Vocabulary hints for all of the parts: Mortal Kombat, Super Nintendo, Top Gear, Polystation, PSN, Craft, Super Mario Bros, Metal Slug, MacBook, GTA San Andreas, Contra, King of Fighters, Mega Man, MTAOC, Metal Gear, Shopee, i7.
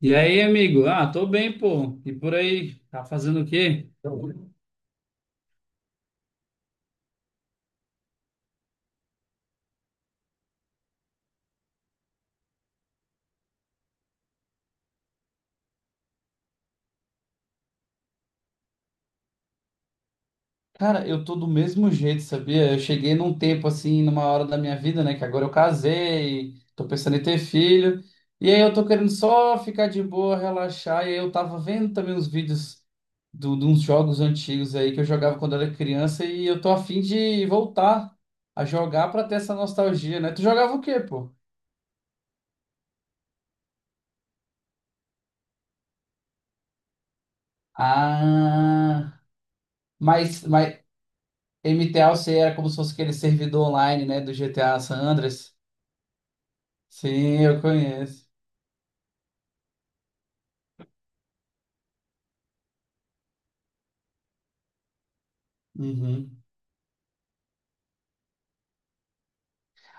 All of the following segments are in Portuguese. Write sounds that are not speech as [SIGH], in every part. E aí, amigo? Ah, tô bem, pô. E por aí? Tá fazendo o quê? Cara, eu tô do mesmo jeito, sabia? Eu cheguei num tempo assim, numa hora da minha vida, né? Que agora eu casei, tô pensando em ter filho. E aí eu tô querendo só ficar de boa, relaxar. E aí eu tava vendo também uns vídeos do, de uns jogos antigos aí que eu jogava quando era criança. E eu tô a fim de voltar a jogar pra ter essa nostalgia, né? Tu jogava o quê, pô? Ah, mas MTAOC era como se fosse aquele servidor online, né, do GTA San Andreas. Sim, eu conheço. Uhum.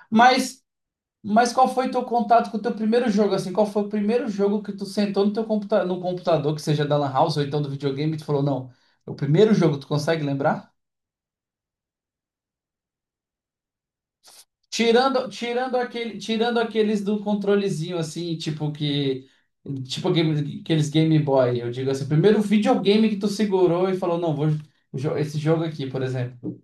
Mas, mas qual foi teu contato com o teu primeiro jogo, assim? Qual foi o primeiro jogo que tu sentou no teu computa no computador, que seja da Lan House ou então do videogame, e tu falou, não, é o primeiro jogo, tu consegue lembrar? Tirando aqueles do controlezinho, assim, tipo que... Tipo aqueles Game Boy, eu digo assim, primeiro videogame que tu segurou e falou, não, esse jogo aqui, por exemplo.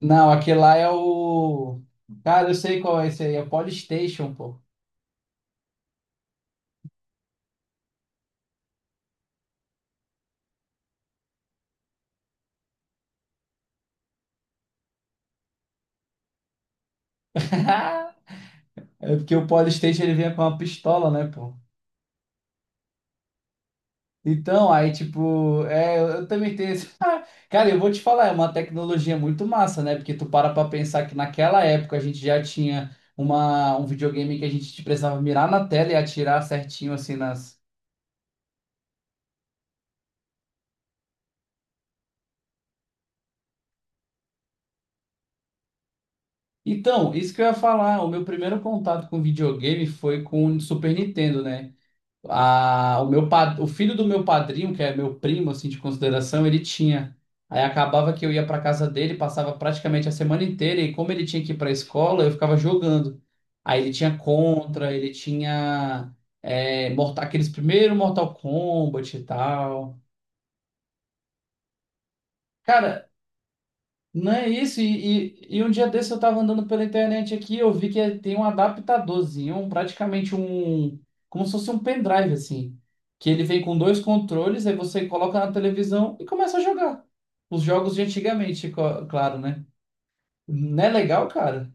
Não, aquele lá é o. Cara, eu sei qual é esse aí, é o Polystation, pô. [LAUGHS] É porque o Polystation ele vinha com uma pistola, né, pô? Então, aí, tipo, é, eu também tenho esse. [LAUGHS] Cara, eu vou te falar, é uma tecnologia muito massa, né? Porque tu para pra pensar que naquela época a gente já tinha um videogame que a gente precisava mirar na tela e atirar certinho, assim, nas. Então, isso que eu ia falar, o meu primeiro contato com videogame foi com o Super Nintendo, né? A, o meu, pa- O filho do meu padrinho, que é meu primo, assim, de consideração, ele tinha. Aí acabava que eu ia para casa dele, passava praticamente a semana inteira, e como ele tinha que ir para a escola, eu ficava jogando. Aí ele tinha Contra, ele tinha Mortal, aqueles primeiros Mortal Kombat e tal. Cara, não é isso, e um dia desse eu tava andando pela internet aqui, eu vi que tem um adaptadorzinho, praticamente um, como se fosse um pendrive, assim, que ele vem com dois controles, aí você coloca na televisão e começa a jogar. Os jogos de antigamente, claro, né? Não é legal, cara?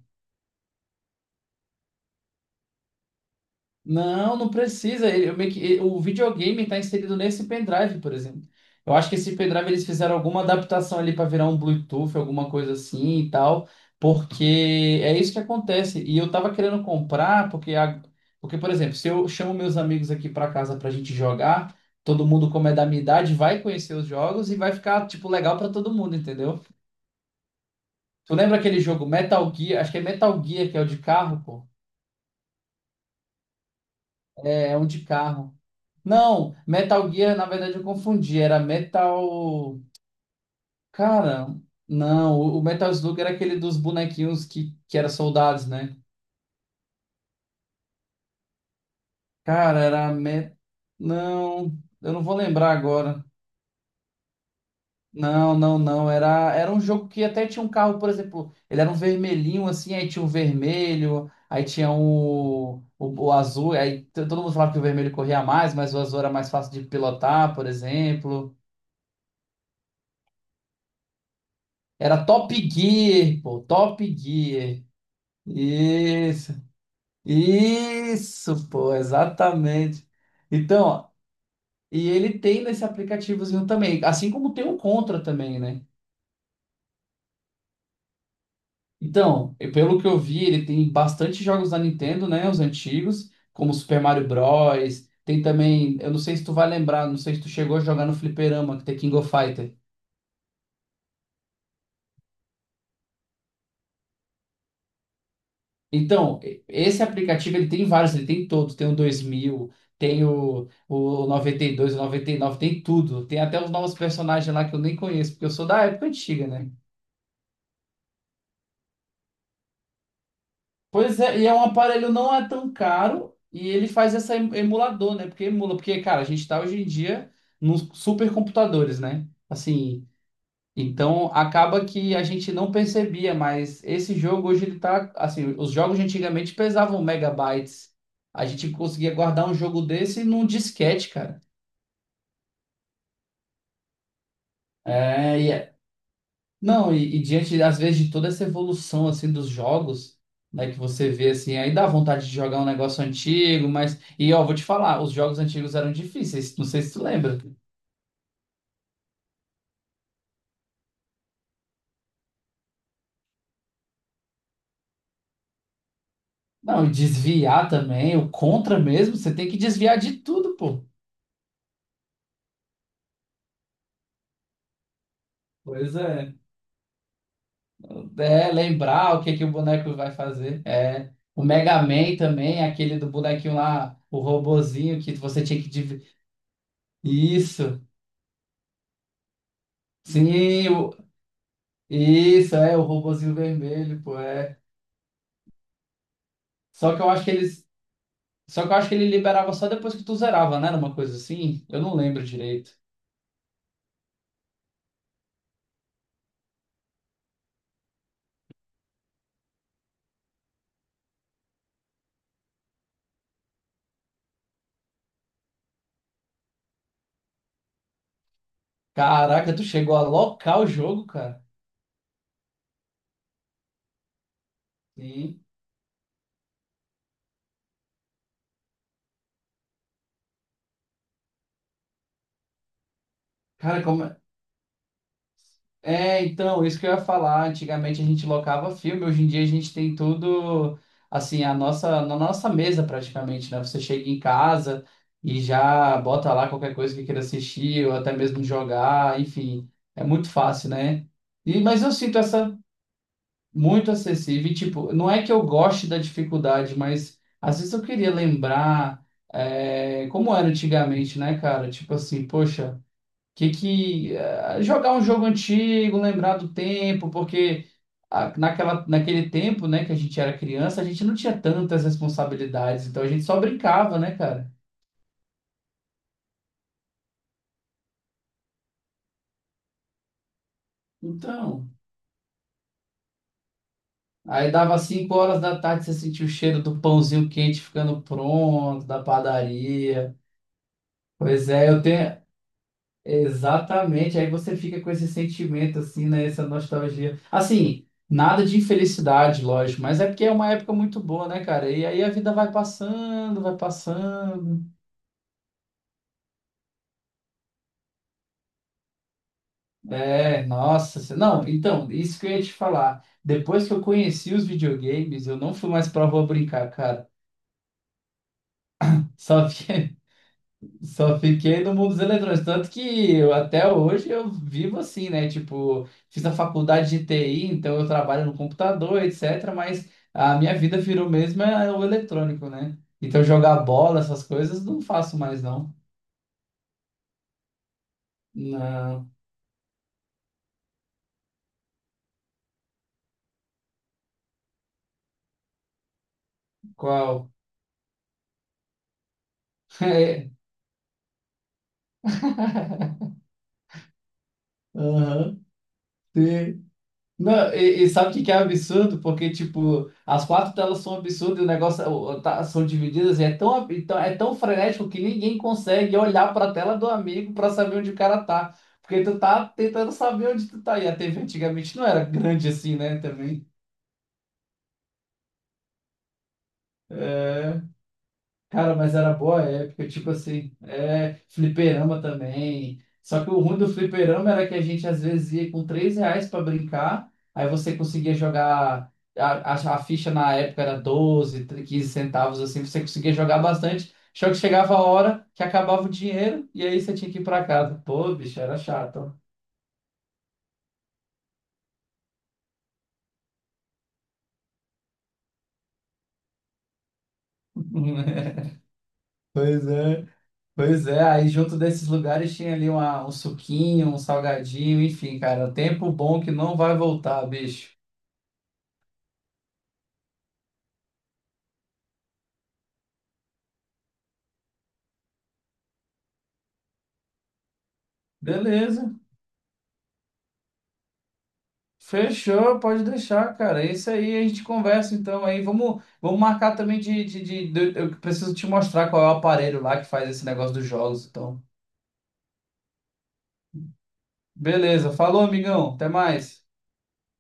Não, não precisa. Ele- eu meio que- ele- o videogame está inserido nesse pendrive, por exemplo. Eu acho que esse pendrive eles fizeram alguma adaptação ali para virar um Bluetooth, alguma coisa assim e tal, porque é isso que acontece. E eu tava querendo comprar, porque, porque por exemplo, se eu chamo meus amigos aqui para casa para a gente jogar, todo mundo, como é da minha idade, vai conhecer os jogos e vai ficar, tipo, legal para todo mundo, entendeu? Tu lembra aquele jogo Metal Gear? Acho que é Metal Gear, que é o de carro, pô. É é um de carro. Não, Metal Gear, na verdade, eu confundi. Era Metal. Cara, não, o Metal Slug era aquele dos bonequinhos que era soldados, né? Cara, era Met... Não, eu não vou lembrar agora. Não, não, não. Era, era um jogo que até tinha um carro, por exemplo, ele era um vermelhinho assim, aí tinha um vermelho, aí tinha o azul, todo mundo falava que o vermelho corria mais, mas o azul era mais fácil de pilotar, por exemplo. Era Top Gear, pô, Top Gear. Isso, isso, pô, exatamente. Então, e ele tem nesse aplicativozinho também, assim como tem o Contra também, né? Então, e pelo que eu vi, ele tem bastante jogos da Nintendo, né? Os antigos, como Super Mario Bros. Tem também, eu não sei se tu vai lembrar, não sei se tu chegou a jogar no Fliperama, que tem King of Fighters. Então, esse aplicativo ele tem vários, ele tem todos, tem o 2000, tem o 92, o 99, tem tudo. Tem até os novos personagens lá que eu nem conheço, porque eu sou da época antiga, né? Pois é, e é um aparelho não é tão caro e ele faz essa emulador, né? Porque emula, porque, cara, a gente tá hoje em dia nos supercomputadores, né? Assim, então acaba que a gente não percebia, mas esse jogo hoje ele tá assim, os jogos de antigamente pesavam megabytes. A gente conseguia guardar um jogo desse num disquete, cara. É, e é- não, e diante às vezes de toda essa evolução assim dos jogos, né, que você vê assim, aí dá vontade de jogar um negócio antigo, mas e ó, vou te falar, os jogos antigos eram difíceis, não sei se tu lembra. Não, e desviar também, o contra mesmo, você tem que desviar de tudo, pô. Pois é. É, lembrar o que que o boneco vai fazer. É, o Mega Man também, aquele do bonequinho lá, o robozinho que você tinha que isso. Sim, isso é o robozinho vermelho, pô, é. Só que eu acho que eles, só que eu acho que ele liberava só depois que tu zerava, né? Era uma coisa assim. Eu não lembro direito. Caraca, tu chegou a locar o jogo, cara. Sim. Cara, como é, então, isso que eu ia falar. Antigamente a gente locava filme, hoje em dia a gente tem tudo assim, na nossa mesa praticamente, né? Você chega em casa e já bota lá qualquer coisa que queira assistir, ou até mesmo jogar, enfim, é muito fácil, né? E, mas eu sinto essa muito acessível, e, tipo, não é que eu goste da dificuldade, mas às vezes eu queria lembrar como era antigamente, né, cara? Tipo assim, poxa que jogar um jogo antigo, lembrar do tempo, porque ah, naquele tempo, né, que a gente era criança, a gente não tinha tantas responsabilidades, então a gente só brincava, né, cara? Então, aí dava 5 horas da tarde, você sentia o cheiro do pãozinho quente ficando pronto, da padaria. Pois é, eu tenho, exatamente, aí você fica com esse sentimento assim, né, essa nostalgia. Assim, nada de infelicidade, lógico, mas é porque é uma época muito boa, né, cara? E aí a vida vai passando, vai passando. É, nossa, se- Não, então, isso que eu ia te falar. Depois que eu conheci os videogames, eu não fui mais pra rua brincar, cara. Só [LAUGHS] vi Só fiquei no mundo dos eletrônicos, tanto que eu, até hoje eu vivo assim, né? Tipo, fiz a faculdade de TI, então eu trabalho no computador, etc. Mas a minha vida virou mesmo é o eletrônico, né? Então jogar bola, essas coisas, não faço mais, não. Não. Qual? [LAUGHS] É. Aham. Não, e sabe o que que é absurdo? Porque, tipo, as quatro telas são absurdas e o negócio são divididas e é tão, então, é tão frenético que ninguém consegue olhar pra tela do amigo pra saber onde o cara tá. Porque tu tá tentando saber onde tu tá. E a TV antigamente não era grande assim, né? Também. É. Cara, mas era boa época, tipo assim, é, fliperama também. Só que o ruim do fliperama era que a gente às vezes ia com 3 reais pra brincar, aí você conseguia jogar, a, a ficha na época era 12 15 centavos, assim, você conseguia jogar bastante. Só que chegava a hora que acabava o dinheiro e aí você tinha que ir pra casa. Pô, bicho, era chato. [LAUGHS] Pois é, pois é. Aí junto desses lugares tinha ali um suquinho, um salgadinho, enfim, cara, tempo bom que não vai voltar, bicho. Beleza. Fechou, pode deixar, cara. É isso aí, a gente conversa então aí. Vamos marcar também eu preciso te mostrar qual é o aparelho lá que faz esse negócio dos jogos, então. Beleza. Falou, amigão. Até mais.